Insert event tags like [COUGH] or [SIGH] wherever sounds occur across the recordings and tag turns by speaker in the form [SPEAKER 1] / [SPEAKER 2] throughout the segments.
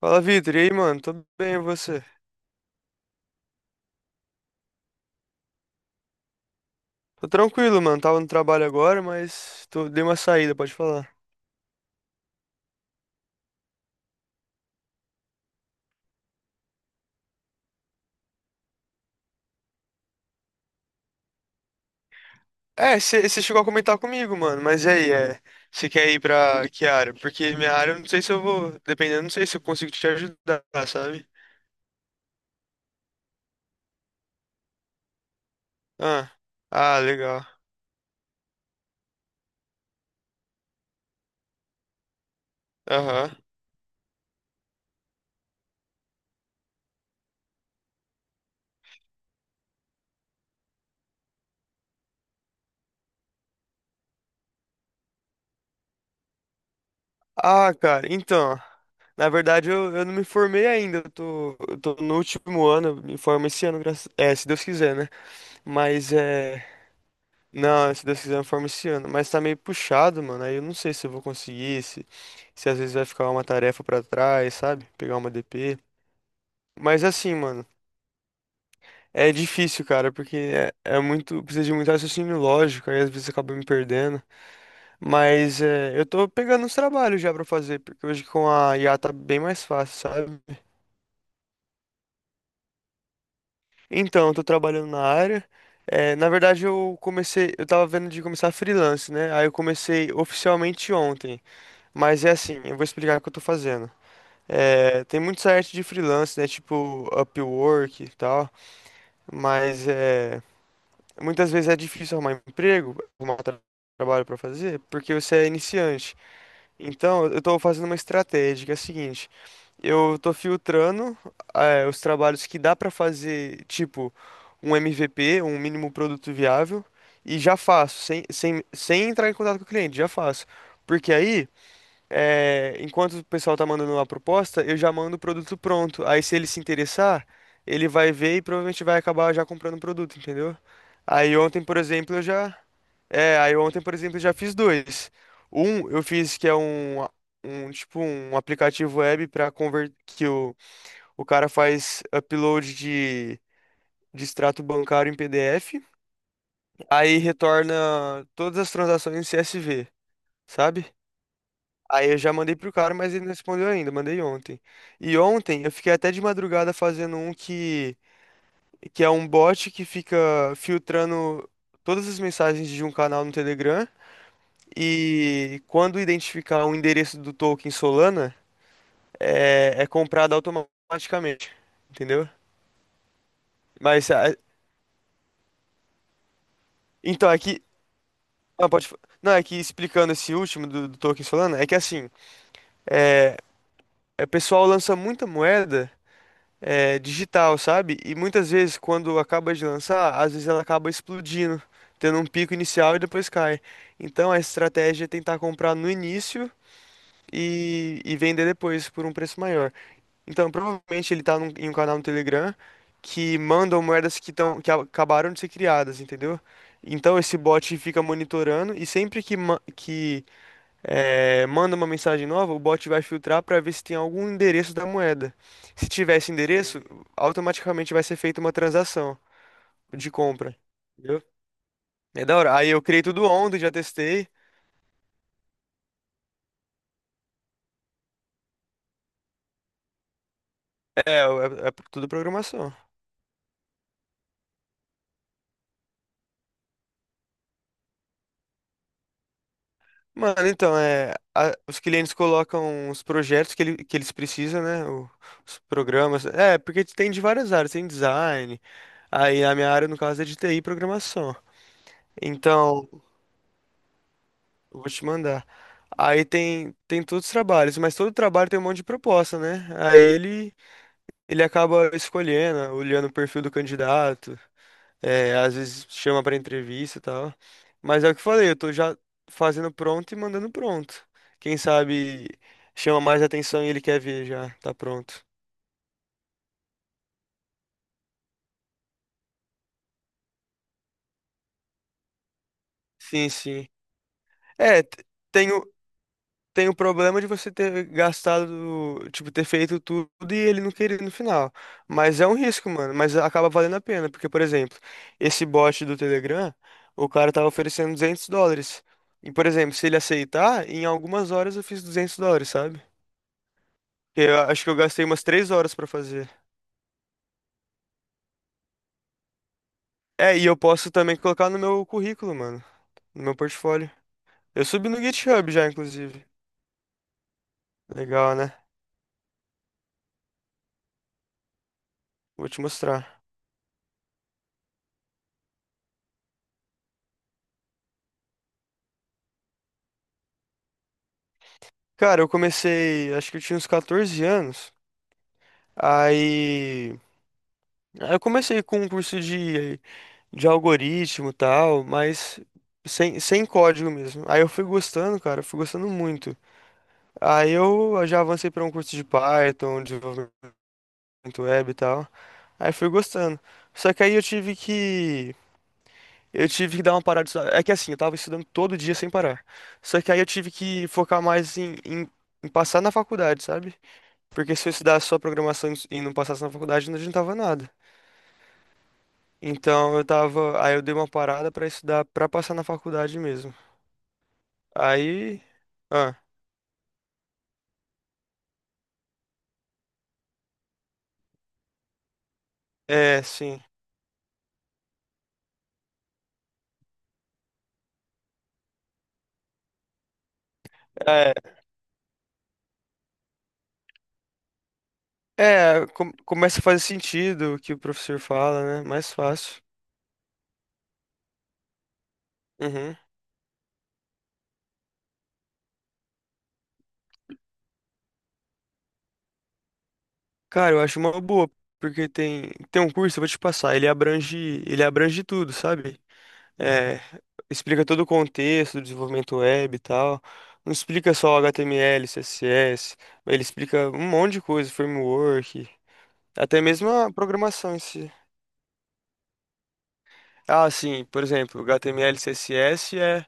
[SPEAKER 1] Fala, Vitor. E aí, mano? Tô bem, e você? Tô tranquilo, mano. Tava no trabalho agora. Dei uma saída, pode falar. É, você chegou a comentar comigo, mano. Mas e aí, você quer ir pra que área? Porque minha área, eu não sei se eu vou. Dependendo, não sei se eu consigo te ajudar, sabe? Ah, ah, legal. Aham. Ah, cara, Na verdade, eu não me formei ainda. Eu tô no último ano. Eu Me formo esse ano, É, se Deus quiser, né? Mas, não, se Deus quiser, eu formo esse ano. Mas tá meio puxado, mano. Aí eu não sei se eu vou conseguir, se às vezes vai ficar uma tarefa pra trás, sabe? Pegar uma DP. Mas assim, mano, é difícil, cara, porque é muito. Precisa de muito raciocínio lógico, aí às vezes acaba me perdendo. Mas é, eu tô pegando uns trabalhos já pra fazer, porque hoje com a IA tá bem mais fácil, sabe? Então, eu tô trabalhando na área. É, na verdade, eu comecei. Eu tava vendo de começar freelance, né? Aí eu comecei oficialmente ontem. Mas é assim, eu vou explicar o que eu tô fazendo. É, tem muito site de freelance, né? Tipo Upwork e tal. Mas é, muitas vezes é difícil arrumar emprego, arrumar trabalho para fazer, porque você é iniciante. Então, eu tô fazendo uma estratégia que é a seguinte: eu tô filtrando, os trabalhos que dá para fazer, tipo um MVP, um mínimo produto viável, e já faço, sem entrar em contato com o cliente, já faço. Porque aí enquanto o pessoal tá mandando uma proposta, eu já mando o produto pronto. Aí se ele se interessar, ele vai ver e provavelmente vai acabar já comprando o produto, entendeu? Aí ontem, por exemplo, eu já. É, aí ontem, por exemplo, eu já fiz dois. Um eu fiz que é um tipo um aplicativo web para converter que o cara faz upload de extrato bancário em PDF, aí retorna todas as transações em CSV, sabe? Aí eu já mandei pro cara, mas ele não respondeu ainda, mandei ontem. E ontem eu fiquei até de madrugada fazendo um que é um bot que fica filtrando todas as mensagens de um canal no Telegram e quando identificar o endereço do token Solana, é comprado automaticamente, entendeu? Mas, então, ah, não, é que explicando esse último do token Solana, é que assim, é, o pessoal lança muita moeda digital, sabe? E muitas vezes, quando acaba de lançar, às vezes ela acaba explodindo, tendo um pico inicial e depois cai. Então a estratégia é tentar comprar no início e vender depois por um preço maior. Então provavelmente ele tá em um canal no Telegram que mandam moedas que acabaram de ser criadas, entendeu? Então esse bot fica monitorando e sempre que, manda uma mensagem nova, o bot vai filtrar para ver se tem algum endereço da moeda. Se tiver esse endereço, automaticamente vai ser feita uma transação de compra. Entendeu? É da hora. Aí eu criei tudo ontem, já testei. É, é, é tudo programação. Mano, então, é, os clientes colocam os projetos que eles precisam, né? Os programas. É, porque tem de várias áreas, tem design. Aí a minha área, no caso, é de TI e programação. Então, eu Vou te mandar. Aí tem todos os trabalhos, mas todo trabalho tem um monte de proposta, né? Aí ele acaba escolhendo, olhando o perfil do candidato, é, às vezes chama para entrevista e tal. Mas é o que eu falei, eu tô já fazendo pronto e mandando pronto. Quem sabe chama mais atenção e ele quer ver já, tá pronto. Sim, sim. É, t- tem, tem o problema de você ter gastado, tipo, ter feito tudo e ele não querer no final. Mas é um risco, mano. Mas acaba valendo a pena, porque, por exemplo, esse bot do Telegram, o cara tava oferecendo US$ 200. E, por exemplo, se ele aceitar, em algumas horas eu fiz US$ 200, sabe? Eu acho que eu gastei umas 3 horas pra fazer. É, e eu posso também colocar no meu currículo, mano, no meu portfólio. Eu subi no GitHub já, inclusive. Legal, né? Vou te mostrar. Cara, eu comecei, acho que eu tinha uns 14 anos. Aí, aí eu comecei com um curso de algoritmo e tal, mas sem código mesmo. Aí eu fui gostando, cara, eu fui gostando muito. Aí eu já avancei para um curso de Python, um desenvolvimento web e tal. Aí fui gostando. Só que aí eu tive que dar uma parada. De estudar. É que assim, eu tava estudando todo dia sem parar. Só que aí eu tive que focar mais em passar na faculdade, sabe? Porque se eu estudasse só programação e não passasse na faculdade, não adiantava nada. Então eu tava, aí eu dei uma parada pra estudar pra passar na faculdade mesmo. Aí, ah, é, sim. É, começa a fazer sentido o que o professor fala, né? Mais fácil. Uhum. Cara, eu acho uma boa, porque tem um curso, eu vou te passar, ele abrange tudo, sabe? É, explica todo o contexto do desenvolvimento web e tal. Não explica só HTML, CSS, ele explica um monte de coisa, framework, até mesmo a programação em si. Ah, sim, por exemplo, HTML, CSS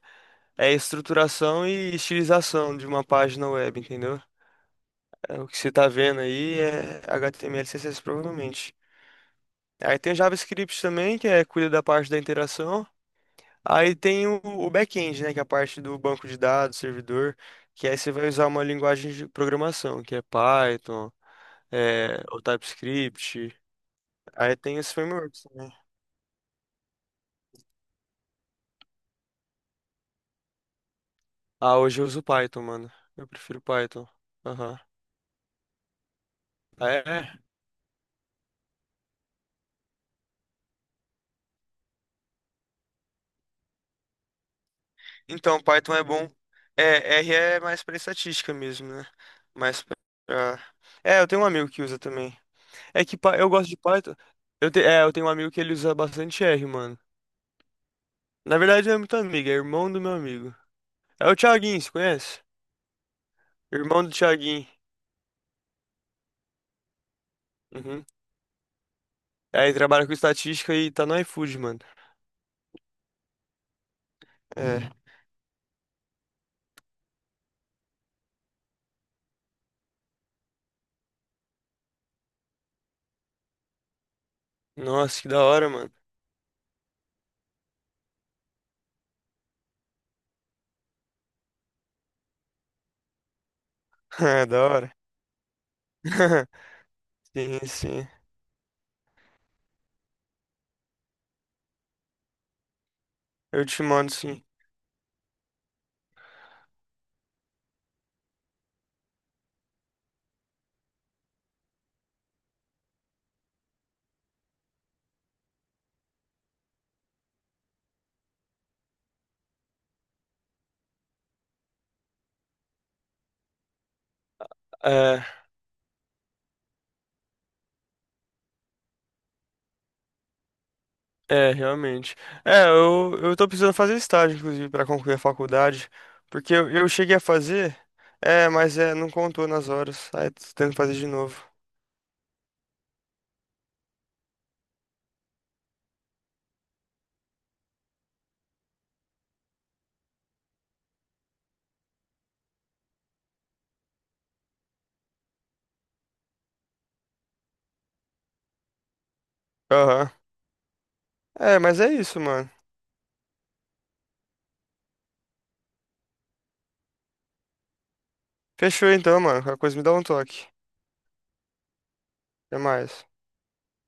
[SPEAKER 1] é estruturação e estilização de uma página web, entendeu? É, o que você tá vendo aí é HTML, CSS provavelmente. Aí tem o JavaScript também, que é cuida da parte da interação. Aí tem o back-end, né, que é a parte do banco de dados, servidor, que aí você vai usar uma linguagem de programação, que é Python, é, o TypeScript. Aí tem os frameworks também. Ah, hoje eu uso Python, mano. Eu prefiro Python. Aham. Ah, é. Então, Python é bom. É, R é mais pra estatística mesmo, né? Mais pra. É, eu tenho um amigo que usa também. Eu gosto de Python. É, eu tenho um amigo que ele usa bastante R, mano. Na verdade, não é muito amigo, é irmão do meu amigo. É o Thiaguinho, você conhece? Irmão do Thiaguinho. Uhum. Aí trabalha com estatística e tá no iFood, mano. É. Nossa, que da hora, mano. [LAUGHS] É, da hora. [LAUGHS] Sim, sim. Eu te mando, sim. É. É, realmente. É, eu tô precisando fazer estágio, inclusive, para concluir a faculdade, porque eu cheguei a fazer, mas é, não contou nas horas, aí tô tendo que fazer de novo. Aham. É, mas é isso, mano. Fechou então, mano. Qualquer coisa me dá um toque. Até mais.